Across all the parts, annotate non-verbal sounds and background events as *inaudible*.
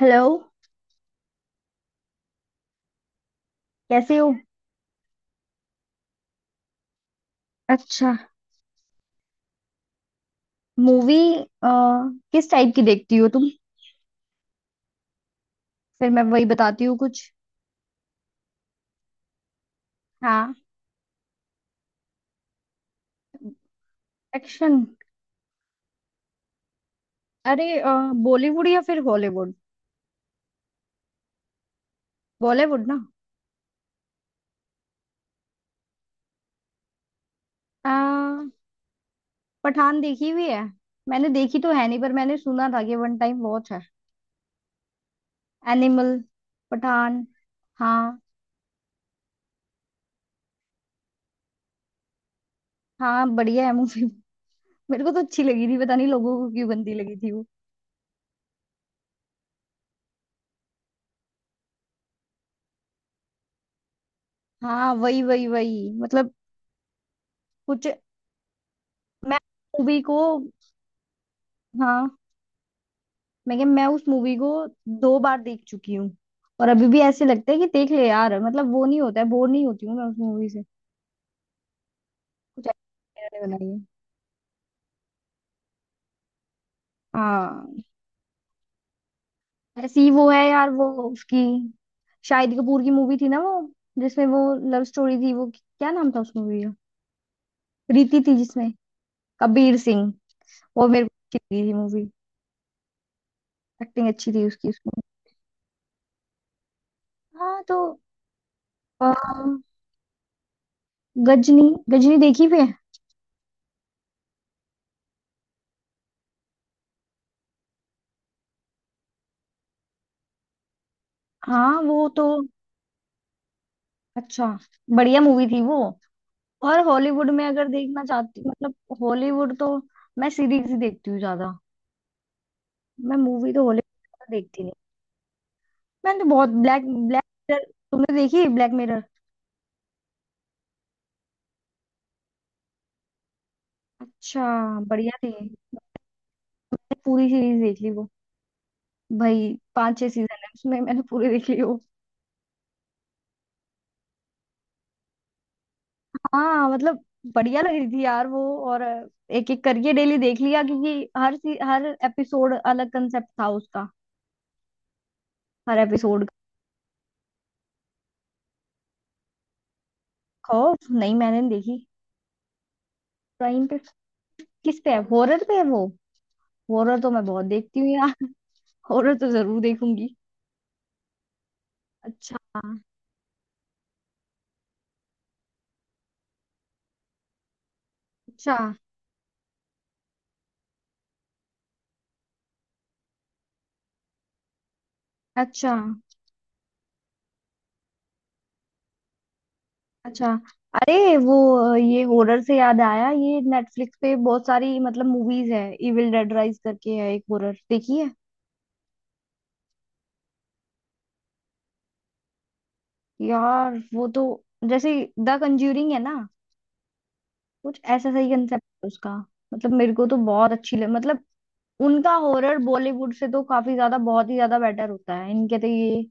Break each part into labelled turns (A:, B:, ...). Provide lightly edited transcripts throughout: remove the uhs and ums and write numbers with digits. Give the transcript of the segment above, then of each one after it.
A: Hello. कैसे हो? अच्छा, मूवी। किस टाइप की देखती हो तुम? फिर मैं वही बताती हूँ कुछ। हाँ। एक्शन। अरे, बॉलीवुड या फिर हॉलीवुड? बॉलीवुड ना। अ, पठान देखी हुई है? मैंने देखी तो है नहीं, पर मैंने सुना था कि वन टाइम वॉच है। एनिमल, पठान। हाँ। हाँ, बढ़िया है मूवी। *laughs* मेरे को तो अच्छी लगी थी, पता नहीं लोगों को क्यों गंदी लगी थी वो। हाँ, वही वही वही मतलब, कुछ। मैं मूवी को। हाँ। मैं क्या, मैं उस मूवी को 2 बार देख चुकी हूँ, और अभी भी ऐसे लगता है कि देख ले यार मतलब। वो नहीं होता है, बोर नहीं होती हूँ मैं उस मूवी से। कुछ ऐसा इन्होंने बनाई है। हाँ, ऐसी ही वो है यार वो। उसकी, शाहिद कपूर की मूवी थी ना वो, जिसमें वो लव स्टोरी थी। वो क्या नाम था उस मूवी का? रीति थी जिसमें। कबीर सिंह। वो मेरे को अच्छी लगी थी मूवी, एक्टिंग अच्छी थी उसकी उसमें। हाँ तो अ, गजनी। गजनी देखी फिर? हाँ वो तो। अच्छा। बढ़िया मूवी थी वो। और हॉलीवुड में अगर देखना चाहती हूँ, मतलब हॉलीवुड तो मैं सीरीज ही देखती हूँ ज्यादा, मैं मूवी तो हॉलीवुड देखती नहीं। मैंने तो बहुत ब्लैक, ब्लैक मिरर। तुमने देखी ब्लैक मिरर? अच्छा। बढ़िया थी, मैंने पूरी सीरीज देख ली वो। भाई पांच छह सीजन है उसमें, मैंने पूरी देख ली वो। हाँ मतलब बढ़िया लग रही थी यार वो। और एक एक करके डेली देख लिया, क्योंकि हर हर एपिसोड अलग कंसेप्ट था उसका, हर एपिसोड का। खौफ? नहीं, मैंने नहीं देखी। प्राइम पे? किस पे है? हॉरर पे है वो? हॉरर तो मैं बहुत देखती हूँ यार। *laughs* हॉरर तो जरूर देखूंगी। अच्छा, अच्छा, अच्छा, अच्छा। अरे वो, ये हॉरर से याद आया, ये नेटफ्लिक्स पे बहुत सारी मतलब मूवीज है। इविल डेड राइज करके है एक हॉरर, देखी है? यार वो तो जैसे द कंज्यूरिंग है ना, कुछ ऐसा सही कंसेप्ट है उसका। मतलब मेरे को तो बहुत अच्छी लग, मतलब उनका हॉरर बॉलीवुड से तो काफी ज्यादा, बहुत ही ज्यादा बेटर होता है इनके तो। ये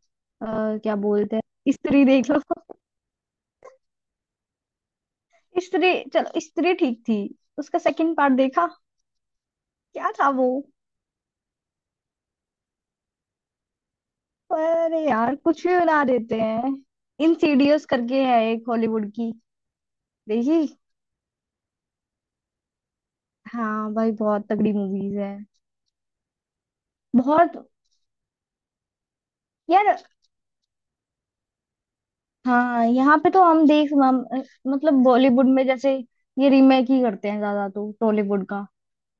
A: अ, क्या बोलते हैं, स्त्री देख लो। स्त्री, चलो स्त्री ठीक थी। उसका सेकंड पार्ट देखा, क्या था वो? अरे यार, कुछ भी बना देते हैं। इंसीडियस करके है एक हॉलीवुड की, देखी? हाँ भाई, बहुत तगड़ी मूवीज है, बहुत। यार हाँ, यहाँ पे तो मतलब बॉलीवुड में जैसे ये रीमेक ही करते हैं ज्यादा तो, टॉलीवुड का।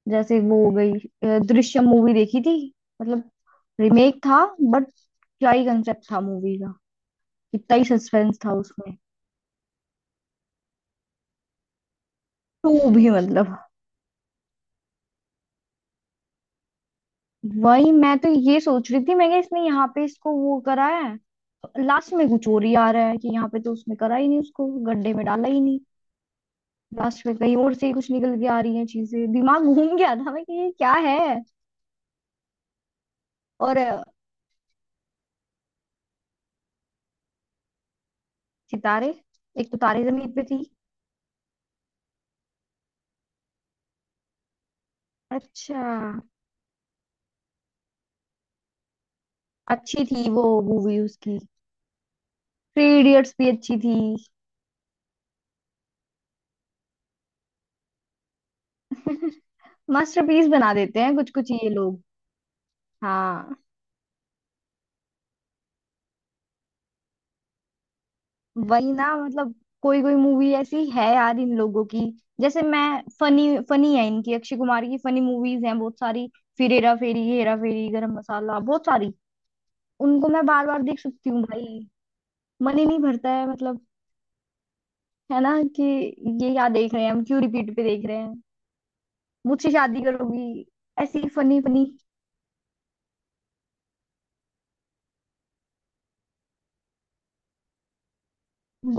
A: जैसे वो हो गई दृश्यम मूवी देखी थी। मतलब रीमेक था, बट क्या ही कंसेप्ट था मूवी का, कितना ही सस्पेंस था उसमें। टू भी मतलब। वही, मैं तो ये सोच रही थी मैं क्या, इसने यहाँ पे इसको वो करा है। लास्ट में कुछ और ही आ रहा है कि यहाँ पे तो उसने करा ही नहीं, उसको गड्ढे में डाला ही नहीं। लास्ट में कहीं और से ही कुछ निकल के आ रही है चीजें, दिमाग घूम गया था मैं कि ये क्या है। और सितारे। एक तो तारे जमीन पे थी। अच्छा। अच्छी थी वो मूवी उसकी। थ्री इडियट्स भी अच्छी थी। *laughs* मास्टरपीस बना देते हैं कुछ कुछ ये लोग। हाँ वही ना मतलब, कोई कोई मूवी ऐसी है यार इन लोगों की। जैसे मैं, फनी फनी है इनकी, अक्षय कुमार की फनी मूवीज हैं बहुत सारी। फिर हेरा फेरी, हेरा फेरी, गरम मसाला, बहुत सारी। उनको मैं बार बार देख सकती हूँ भाई, मन ही नहीं भरता है मतलब। है ना कि ये क्या देख रहे हैं, हम क्यों रिपीट पे देख रहे हैं? मुझसे शादी करोगी, ऐसी फनी फनी।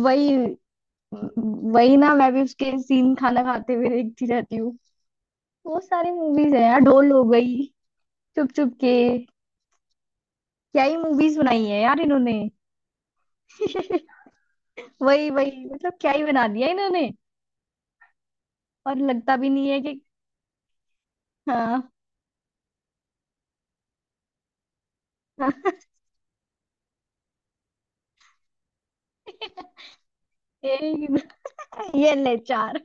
A: वही, वही ना, मैं भी उसके सीन खाना खाते हुए देखती रहती हूँ। बहुत सारी मूवीज है यार, ढोल हो गई, चुप चुप के, क्या ही मूवीज बनाई है यार इन्होंने। *laughs* वही वही मतलब, क्या ही बना दिया इन्होंने, और लगता भी नहीं है कि। हाँ, हाँ। *laughs* एक-, ये ले चार।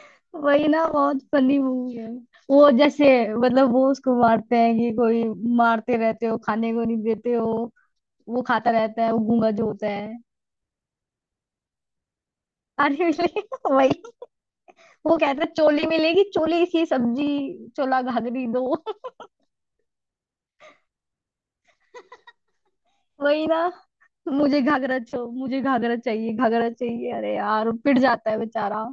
A: *laughs* वही ना, बहुत फनी मूवी है। वो जैसे, मतलब वो उसको मारते हैं कि कोई, मारते रहते हो खाने को नहीं देते हो, वो खाता रहता है वो गूंगा जो होता है। अरे। *laughs* वही, वो कहता है चोली मिलेगी, चोली सी सब्जी, चोला घाघरी दो। वही ना, मुझे घाघरा चाहिए, घाघरा चाहिए। अरे यार, पिट जाता है बेचारा,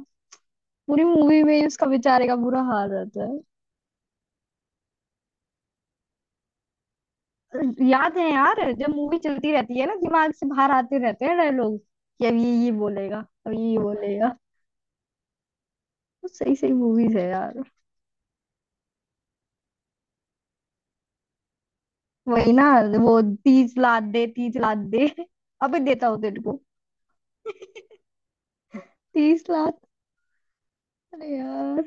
A: पूरी मूवी में ही उसका बेचारे का बुरा हाल रहता है। याद है यार, जब मूवी चलती रहती है ना, दिमाग से बाहर आते रहते हैं डायलॉग कि अब ये बोलेगा, अब ये बोलेगा। तो सही सही मूवीज है यार। वही ना, वो 30 लात दे, 30 लात दे, अबे देता हूँ तेरे को 30 लात। अरे यार,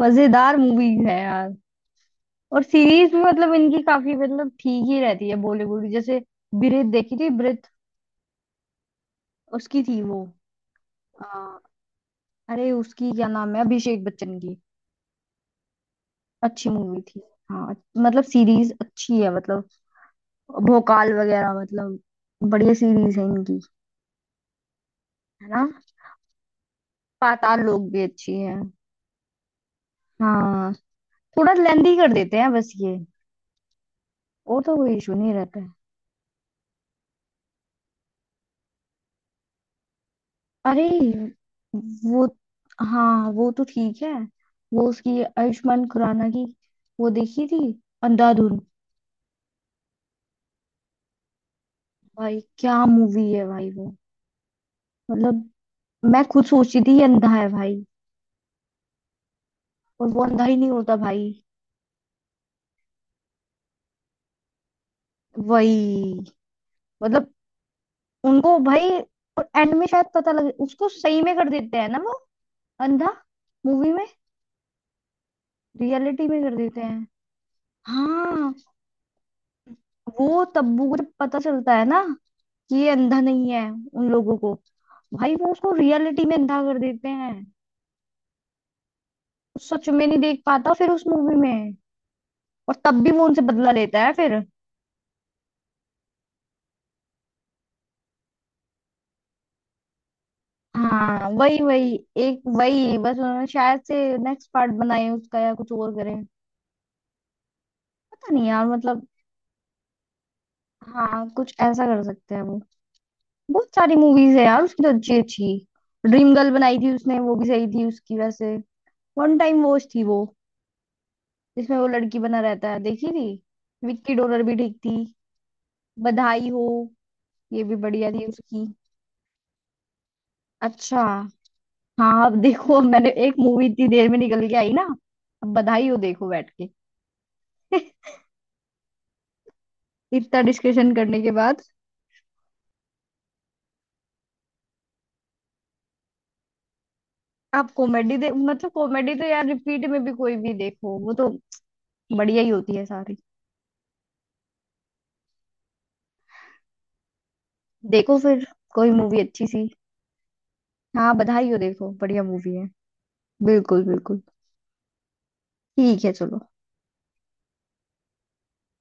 A: मजेदार मूवी है यार। और सीरीज भी मतलब इनकी काफी, मतलब ठीक ही रहती है बॉलीवुड की। जैसे ब्रीथ, देखी थी ब्रीथ? उसकी थी वो, अ, अरे उसकी क्या नाम है, अभिषेक बच्चन की, अच्छी मूवी थी। हाँ मतलब सीरीज अच्छी है, मतलब भोकाल वगैरह, मतलब बढ़िया सीरीज है इनकी। है ना? पाताल लोक भी अच्छी है। हाँ थोड़ा लेंदी कर देते हैं बस ये, और तो कोई इशू नहीं रहता। अरे वो, हाँ वो तो ठीक है। वो उसकी आयुष्मान खुराना की, वो देखी थी, अंधाधुन। भाई क्या मूवी है भाई वो, मतलब। मैं खुद सोचती थी ये अंधा है भाई, और वो अंधा ही नहीं होता भाई। वही मतलब, उनको भाई, और एंड में शायद पता लगे उसको, सही में कर देते हैं ना वो अंधा। मूवी में, रियलिटी में कर देते हैं। हाँ वो तब्बू को जब पता चलता है ना कि ये अंधा नहीं है, उन लोगों को भाई, वो उसको रियलिटी में अंधा कर देते हैं। वो सच में नहीं देख पाता फिर उस मूवी में, और तब भी वो उनसे बदला लेता है फिर। हाँ वही वही, एक वही बस, उन्होंने शायद से नेक्स्ट पार्ट बनाए उसका या कुछ और करें, पता नहीं यार मतलब। हाँ कुछ ऐसा कर सकते हैं वो। बहुत सारी मूवीज है यार उसकी तो, अच्छी अच्छी। ड्रीम गर्ल बनाई थी उसने, वो भी सही थी उसकी वैसे, वन टाइम वॉच थी वो, जिसमें वो लड़की बना रहता है, देखी थी? विक्की डोनर भी ठीक थी। बधाई हो, ये भी बढ़िया थी उसकी। अच्छा। हाँ अब देखो, मैंने एक मूवी इतनी देर में निकल के आई ना। अब बधाई हो देखो बैठ के। *laughs* इतना डिस्कशन करने के बाद। आप कॉमेडी दे, मतलब कॉमेडी तो यार, रिपीट में भी कोई भी देखो, वो तो बढ़िया ही होती है सारी। देखो फिर कोई मूवी अच्छी सी। हाँ बधाई हो देखो, बढ़िया मूवी है। बिल्कुल बिल्कुल। ठीक है चलो।